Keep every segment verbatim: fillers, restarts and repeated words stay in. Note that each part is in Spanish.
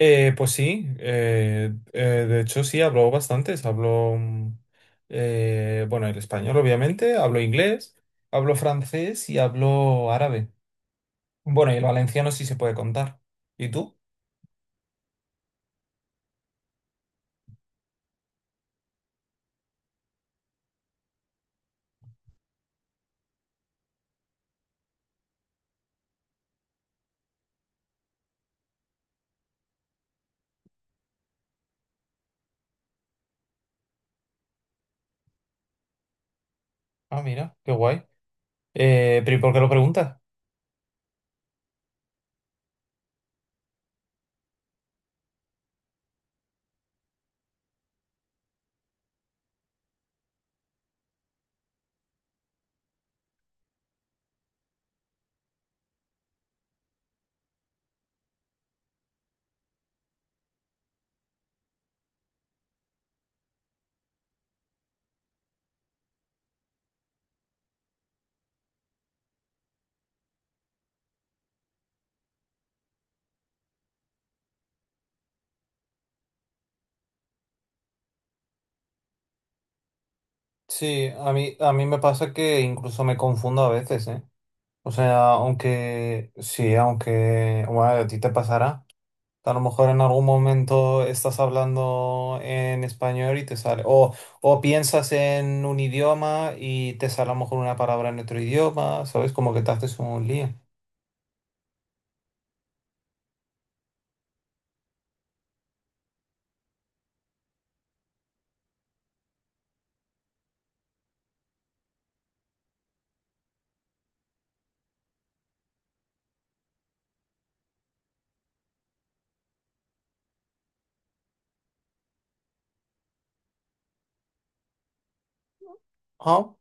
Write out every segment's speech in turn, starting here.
Eh, pues sí, eh, eh, de hecho sí, hablo bastantes. Hablo, mm, eh, bueno, el español obviamente, hablo inglés, hablo francés y hablo árabe. Bueno, y el valenciano sí se puede contar. ¿Y tú? Ah, mira, qué guay. Eh, pero ¿y por qué lo preguntas? Sí, a mí, a mí me pasa que incluso me confundo a veces, ¿eh? O sea, aunque sí, aunque, bueno, a ti te pasará. A lo mejor en algún momento estás hablando en español y te sale, o, o piensas en un idioma y te sale a lo mejor una palabra en otro idioma, ¿sabes? Como que te haces un lío. Ah,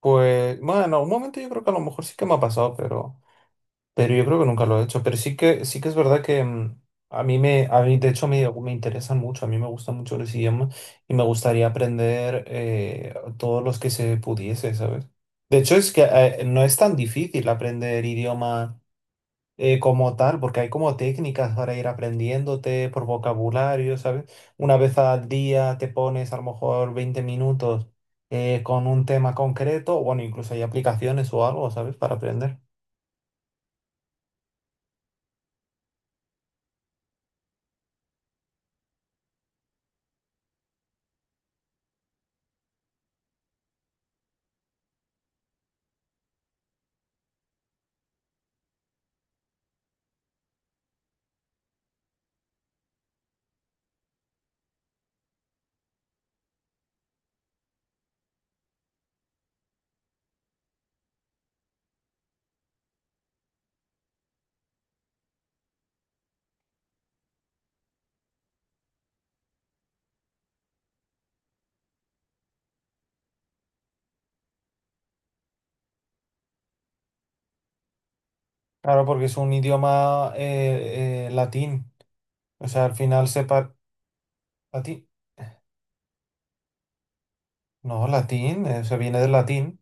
pues bueno, en algún momento yo creo que a lo mejor sí que me ha pasado, pero... Pero yo creo que nunca lo he hecho. Pero sí que, sí que es verdad que mm, a mí me, a mí, de hecho, me, me interesan mucho. A mí me gustan mucho los idiomas y me gustaría aprender eh, todos los que se pudiese, ¿sabes? De hecho, es que eh, no es tan difícil aprender idioma eh, como tal, porque hay como técnicas para ir aprendiéndote por vocabulario, ¿sabes? Una vez al día te pones a lo mejor veinte minutos eh, con un tema concreto, bueno, incluso hay aplicaciones o algo, ¿sabes? Para aprender. Claro, porque es un idioma eh, eh, latín. O sea, al final sepa... ¿Latín? No, latín, eh, se viene del latín,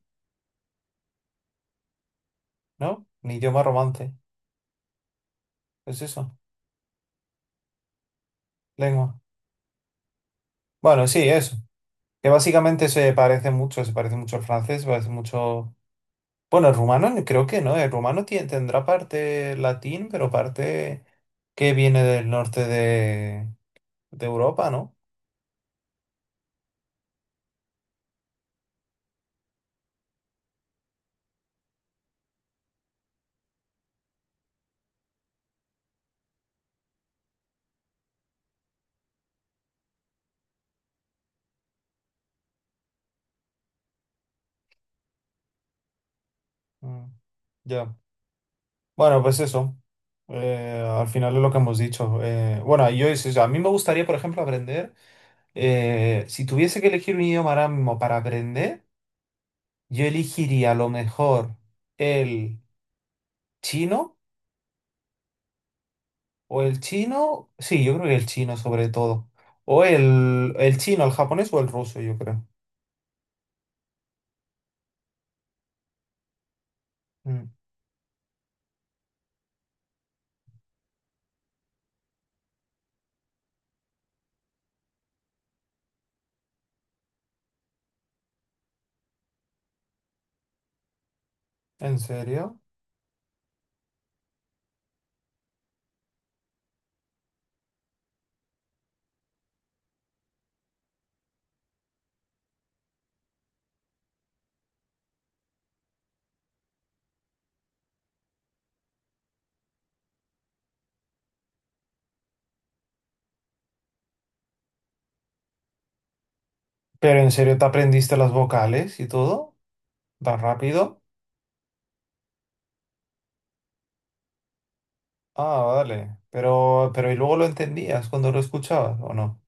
¿no? Un idioma romance. Es eso, lengua. Bueno, sí, eso. Que básicamente se parece mucho, se parece mucho al francés, se parece mucho... Bueno, el rumano ni- creo que no. El rumano tie- tendrá parte latín, pero parte que viene del norte de, de Europa, ¿no? Mm, ya. Bueno, pues eso. Eh, al final es lo que hemos dicho. Eh, bueno, yo es eso. A mí me gustaría, por ejemplo, aprender. Eh, si tuviese que elegir un idioma ahora mismo para aprender, yo elegiría a lo mejor el chino o el chino. Sí, yo creo que el chino sobre todo. O el, el chino, el japonés o el ruso, yo creo. Mm. ¿En serio? ¿Pero en serio te aprendiste las vocales y todo? ¿Tan rápido? Ah, vale. Pero, pero ¿y luego lo entendías cuando lo escuchabas o no?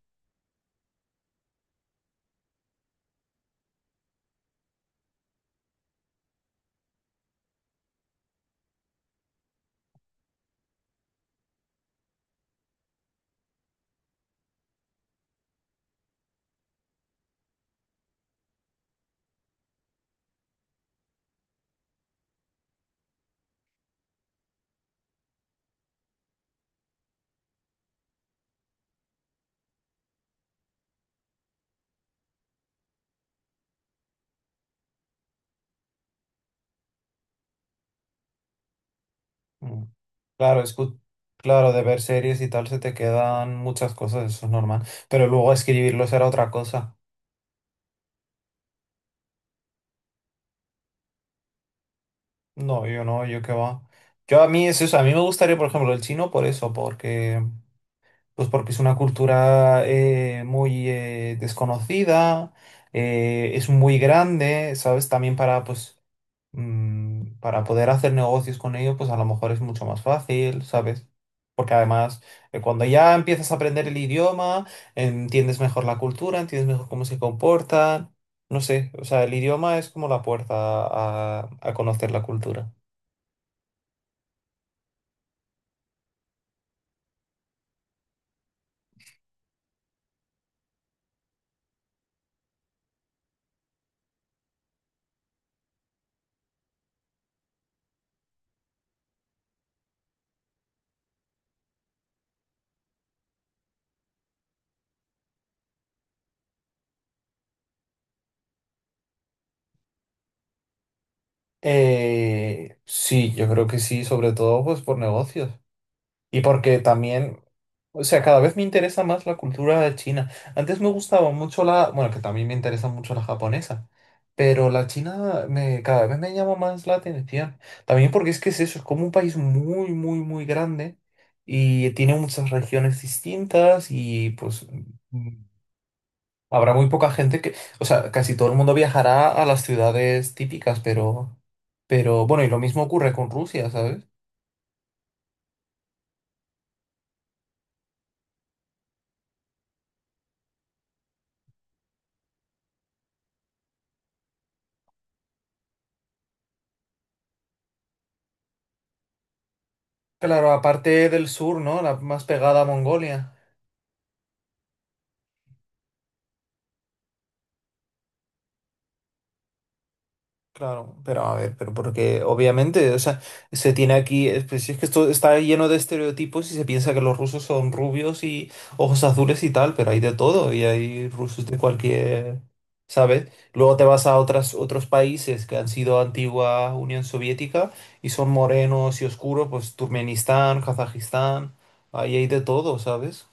Mm. Claro, escu- claro, de ver series y tal se te quedan muchas cosas, eso es normal. Pero luego escribirlos era otra cosa. No, yo no, yo qué va. Yo a mí es eso, a mí me gustaría, por ejemplo, el chino por eso, porque pues porque es una cultura eh, muy eh, desconocida, eh, es muy grande, ¿sabes? También para, pues, mm, para poder hacer negocios con ellos, pues a lo mejor es mucho más fácil, ¿sabes? Porque además, eh, cuando ya empiezas a aprender el idioma, entiendes mejor la cultura, entiendes mejor cómo se comportan, no sé, o sea, el idioma es como la puerta a, a conocer la cultura. Eh, sí, yo creo que sí, sobre todo pues por negocios. Y porque también, o sea, cada vez me interesa más la cultura de China. Antes me gustaba mucho la, bueno, que también me interesa mucho la japonesa, pero la china me, cada vez me llama más la atención. También porque es que es eso, es como un país muy, muy, muy grande y tiene muchas regiones distintas y pues mm, habrá muy poca gente que, o sea, casi todo el mundo viajará a las ciudades típicas, pero, pero bueno, y lo mismo ocurre con Rusia, ¿sabes? Claro, aparte del sur, ¿no? La más pegada a Mongolia. Claro, pero a ver, pero porque obviamente, o sea, se tiene aquí, es- pues, si es que esto está lleno de estereotipos y se piensa que los rusos son rubios y ojos azules y tal, pero hay de todo y hay rusos de cualquier, ¿sabes? Luego te vas a otras, otros países que han sido antigua Unión Soviética y son morenos y oscuros, pues Turkmenistán, Kazajistán, ahí hay de todo, ¿sabes?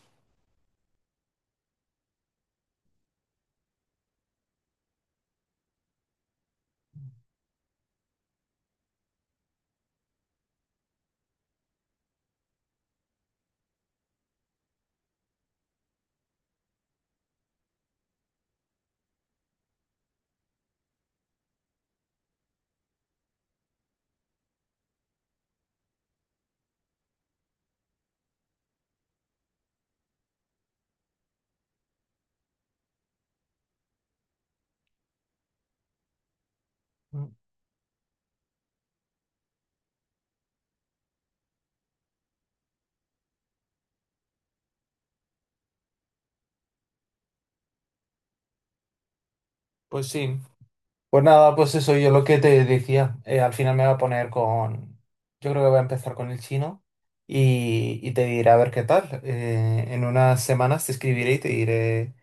Mm. Pues sí. Pues nada, pues eso, yo lo que te decía, eh, al final me voy a poner con, yo creo que voy a empezar con el chino y, y te diré a ver qué tal. Eh, en unas semanas te escribiré y te diré,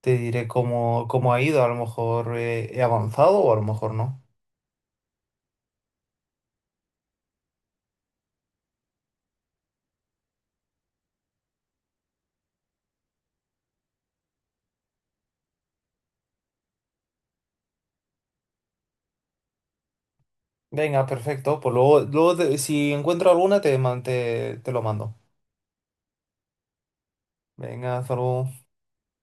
te diré cómo, cómo ha ido, a lo mejor eh, he avanzado o a lo mejor no. Venga, perfecto, pues luego, luego te- si encuentro alguna te, man- te, te lo mando. Venga, hasta luego.